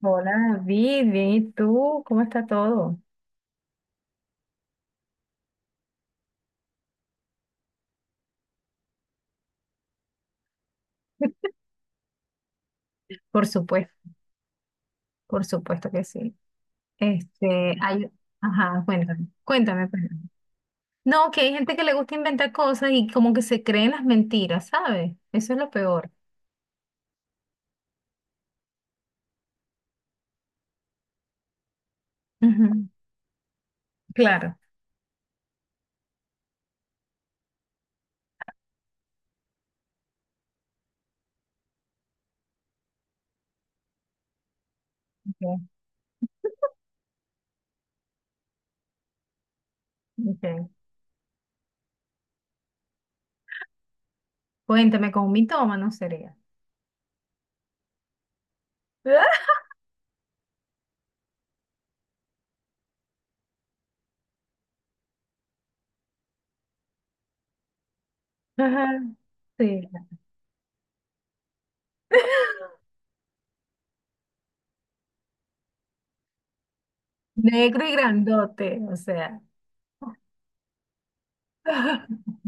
Hola, David, bien, ¿y tú? ¿Cómo está todo? Por supuesto, por supuesto que sí. Este, hay, ajá, cuéntame, cuéntame, pues. No, que hay gente que le gusta inventar cosas y como que se creen las mentiras, ¿sabes? Eso es lo peor. Ujú, claro. Ok, ok. Cuéntame, con un mitómano sería. Ajá, sí. Negro y grandote, o sea.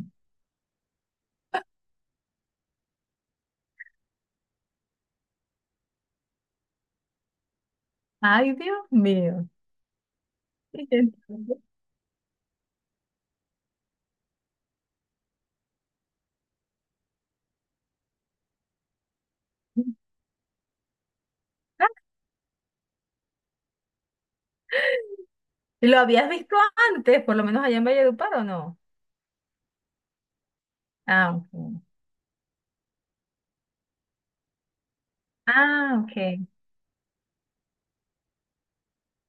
Ay, Dios mío. Y yo ¿Lo habías visto antes, por lo menos allá en Valledupar o no? Ah, ok. Ah, ok.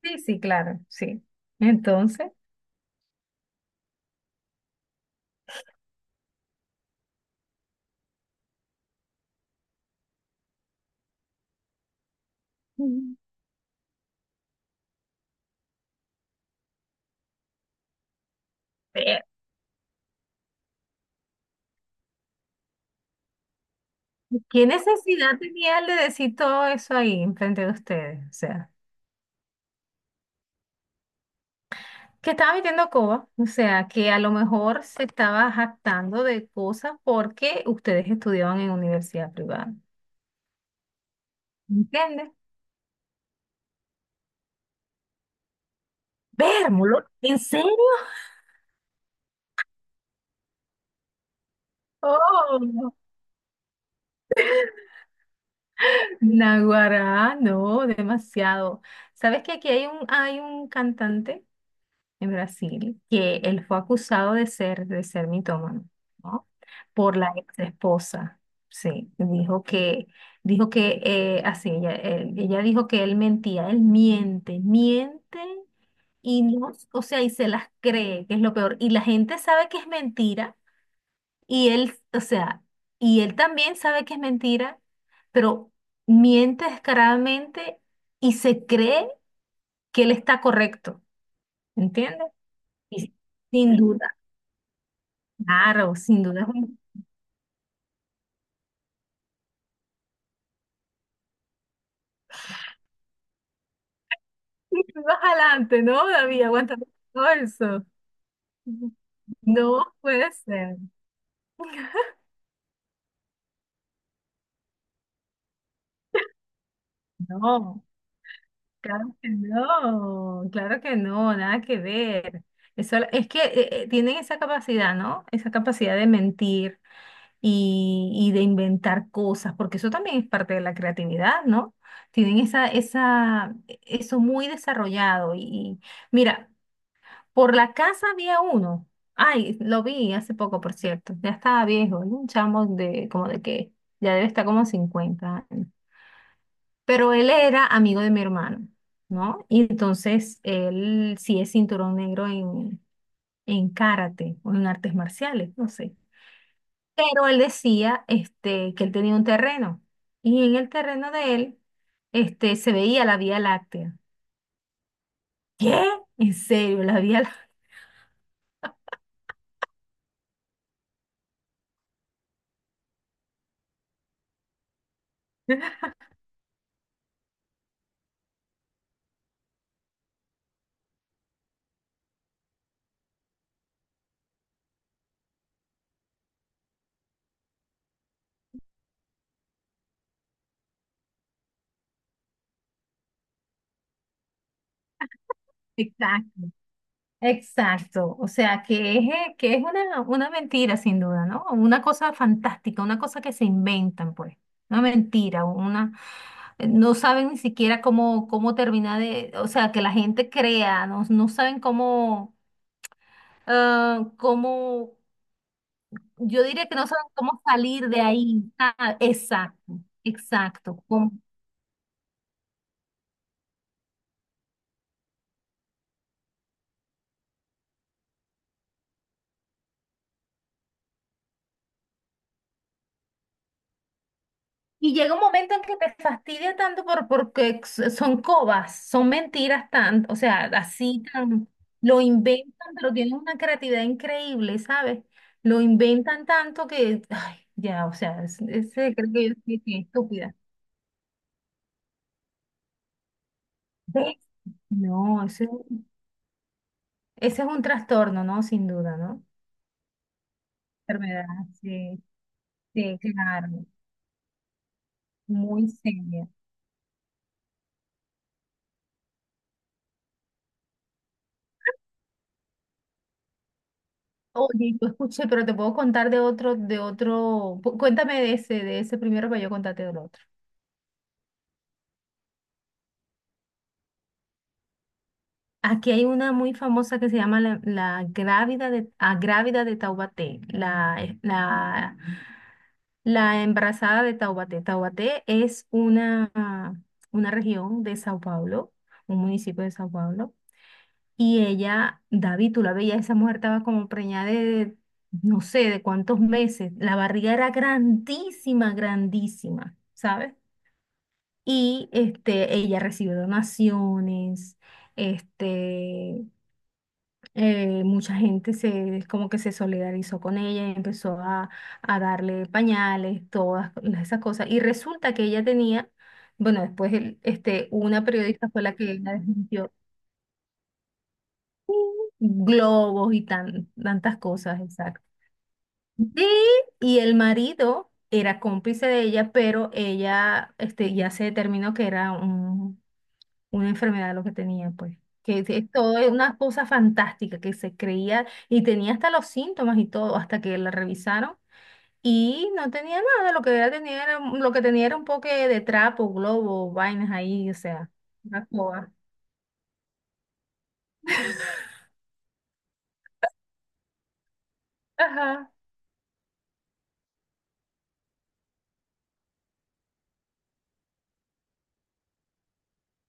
Sí, sí, claro, sí. Entonces, mm, eh, ¿qué necesidad tenía él de decir todo eso ahí enfrente de ustedes? O sea, que estaba metiendo coba, o sea, que a lo mejor se estaba jactando de cosas porque ustedes estudiaban en universidad privada. ¿Entiendes? Vérmulo, ¿en serio? Oh, Naguará, no, demasiado. ¿Sabes que aquí hay un cantante en Brasil que él fue acusado de ser mitómano, ¿no? Por la ex esposa. Sí, dijo que, dijo que, así, ella, ella dijo que él mentía, él miente, miente y no, o sea, y se las cree, que es lo peor. Y la gente sabe que es mentira y él, o sea, y él también sabe que es mentira, pero miente descaradamente y se cree que él está correcto, ¿entiendes? Y sin duda, claro, sin duda. Más adelante, ¿no, David? Aguántame todo eso. No puede ser, no, claro que no, claro que no, nada que ver. Eso, es que tienen esa capacidad, ¿no? Esa capacidad de mentir y de inventar cosas, porque eso también es parte de la creatividad, ¿no? Tienen eso muy desarrollado. Y mira, por la casa había uno. Ay, lo vi hace poco, por cierto. Ya estaba viejo, ¿no? Un chamo de como de que ya debe estar como 50 años. Pero él era amigo de mi hermano, ¿no? Y entonces él sí es cinturón negro en karate o en artes marciales, no sé. Pero él decía que él tenía un terreno y en el terreno de él se veía la Vía Láctea. ¿Qué? ¿En serio? La Vía Láctea. Exacto. Exacto. O sea, que es una mentira sin duda, ¿no? Una cosa fantástica, una cosa que se inventan, pues. Una mentira, no saben ni siquiera cómo, cómo terminar de. O sea, que la gente crea, no, no saben cómo. ah, cómo Yo diría que no saben cómo salir de ahí. Ah, exacto, exacto. Y llega un momento en que te fastidia tanto porque son cobas, son mentiras tan, o sea, así tan, lo inventan, pero tienen una creatividad increíble, ¿sabes? Lo inventan tanto que, ay, ya, o sea, ese creo que yo soy bien estúpida. ¿Ves? No, ese es un trastorno, ¿no? Sin duda, ¿no? Enfermedad, sí, sí, claro, muy seria. Oye, yo escuché, pero te puedo contar de otro, cuéntame de ese primero para yo contarte del otro. Aquí hay una muy famosa que se llama la grávida de Taubaté, la embarazada de Taubaté. Taubaté es una región de Sao Paulo, un municipio de Sao Paulo, y ella, David, tú la veías, esa mujer estaba como preñada no sé, de cuántos meses, la barriga era grandísima, grandísima. ¿Sabes? Y ella recibe donaciones, este, mucha gente como que se solidarizó con ella y empezó a darle pañales, todas esas cosas. Y resulta que ella tenía, bueno, después una periodista fue la que la desmintió, globos y tantas cosas, exacto. Sí, y el marido era cómplice de ella, pero ella ya se determinó que era un una enfermedad lo que tenía, pues. Que es todo es una cosa fantástica que se creía y tenía hasta los síntomas y todo, hasta que la revisaron y no tenía nada, lo que era, lo que tenía era un poco de trapo, globo, vainas ahí, o sea, una coa. Ajá.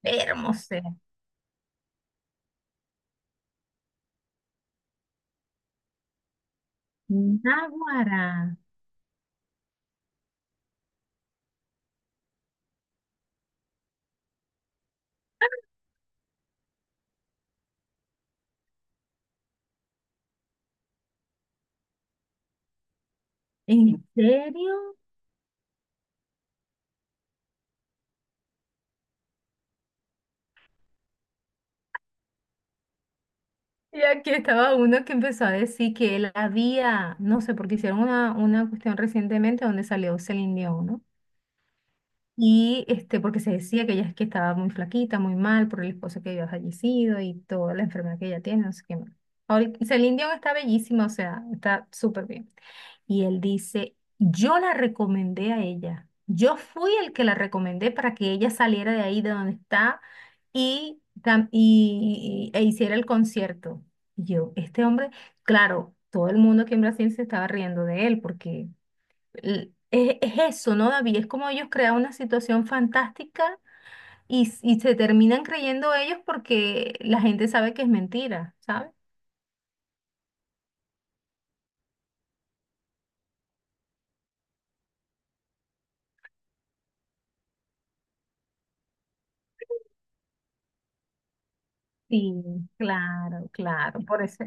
Hermosa. Náguara. ¿En serio? Y aquí estaba uno que empezó a decir que él había, no sé, porque hicieron una cuestión recientemente donde salió Celine Dion, ¿no? Y porque se decía que ella es que estaba muy flaquita, muy mal por el esposo que había fallecido y toda la enfermedad que ella tiene, no sé qué más. Ahorita, Celine Dion está bellísima, o sea, está súper bien. Y él dice, yo la recomendé a ella. Yo fui el que la recomendé para que ella saliera de ahí de donde está e hiciera el concierto. Y yo, este hombre, claro, todo el mundo aquí en Brasil se estaba riendo de él porque es eso, ¿no, David? Es como ellos crean una situación fantástica y se terminan creyendo ellos porque la gente sabe que es mentira, ¿sabes? Sí, claro, claro. Por eso,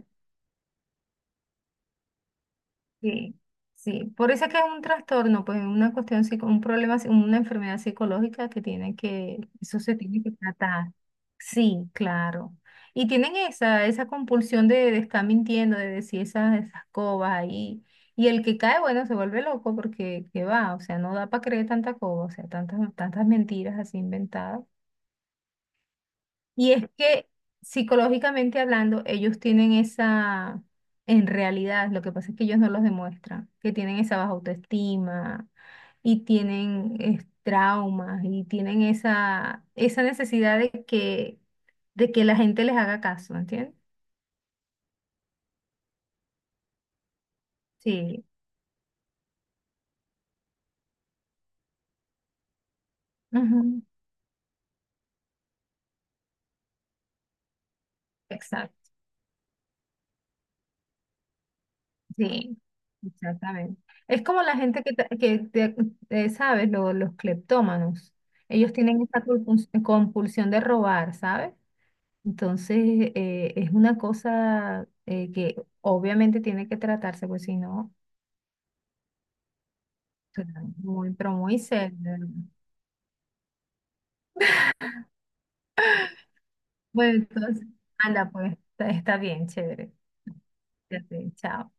sí, sí. Por eso es que es un trastorno, pues una cuestión, un problema, una enfermedad psicológica que tiene que, eso se tiene que tratar. Sí, claro. Y tienen esa, esa compulsión de estar mintiendo, de decir esas, esas cobas ahí. Y el que cae, bueno, se vuelve loco porque, ¿qué va? O sea, no da para creer tanta coba, o sea, tantas, tantas mentiras así inventadas. Y es que psicológicamente hablando, ellos tienen en realidad, lo que pasa es que ellos no los demuestran, que tienen esa baja autoestima y tienen traumas y tienen esa, esa necesidad de que la gente les haga caso, ¿entiendes? Sí, ujú, exacto, sí, exactamente. Es como la gente que, ¿sabes? Los cleptómanos. Ellos tienen esa compulsión de robar, ¿sabes? Entonces, es una cosa que obviamente tiene que tratarse, pues si no, suena muy, pero muy serio. Bueno, entonces, anda, pues está bien, chévere. Ya sé, chao.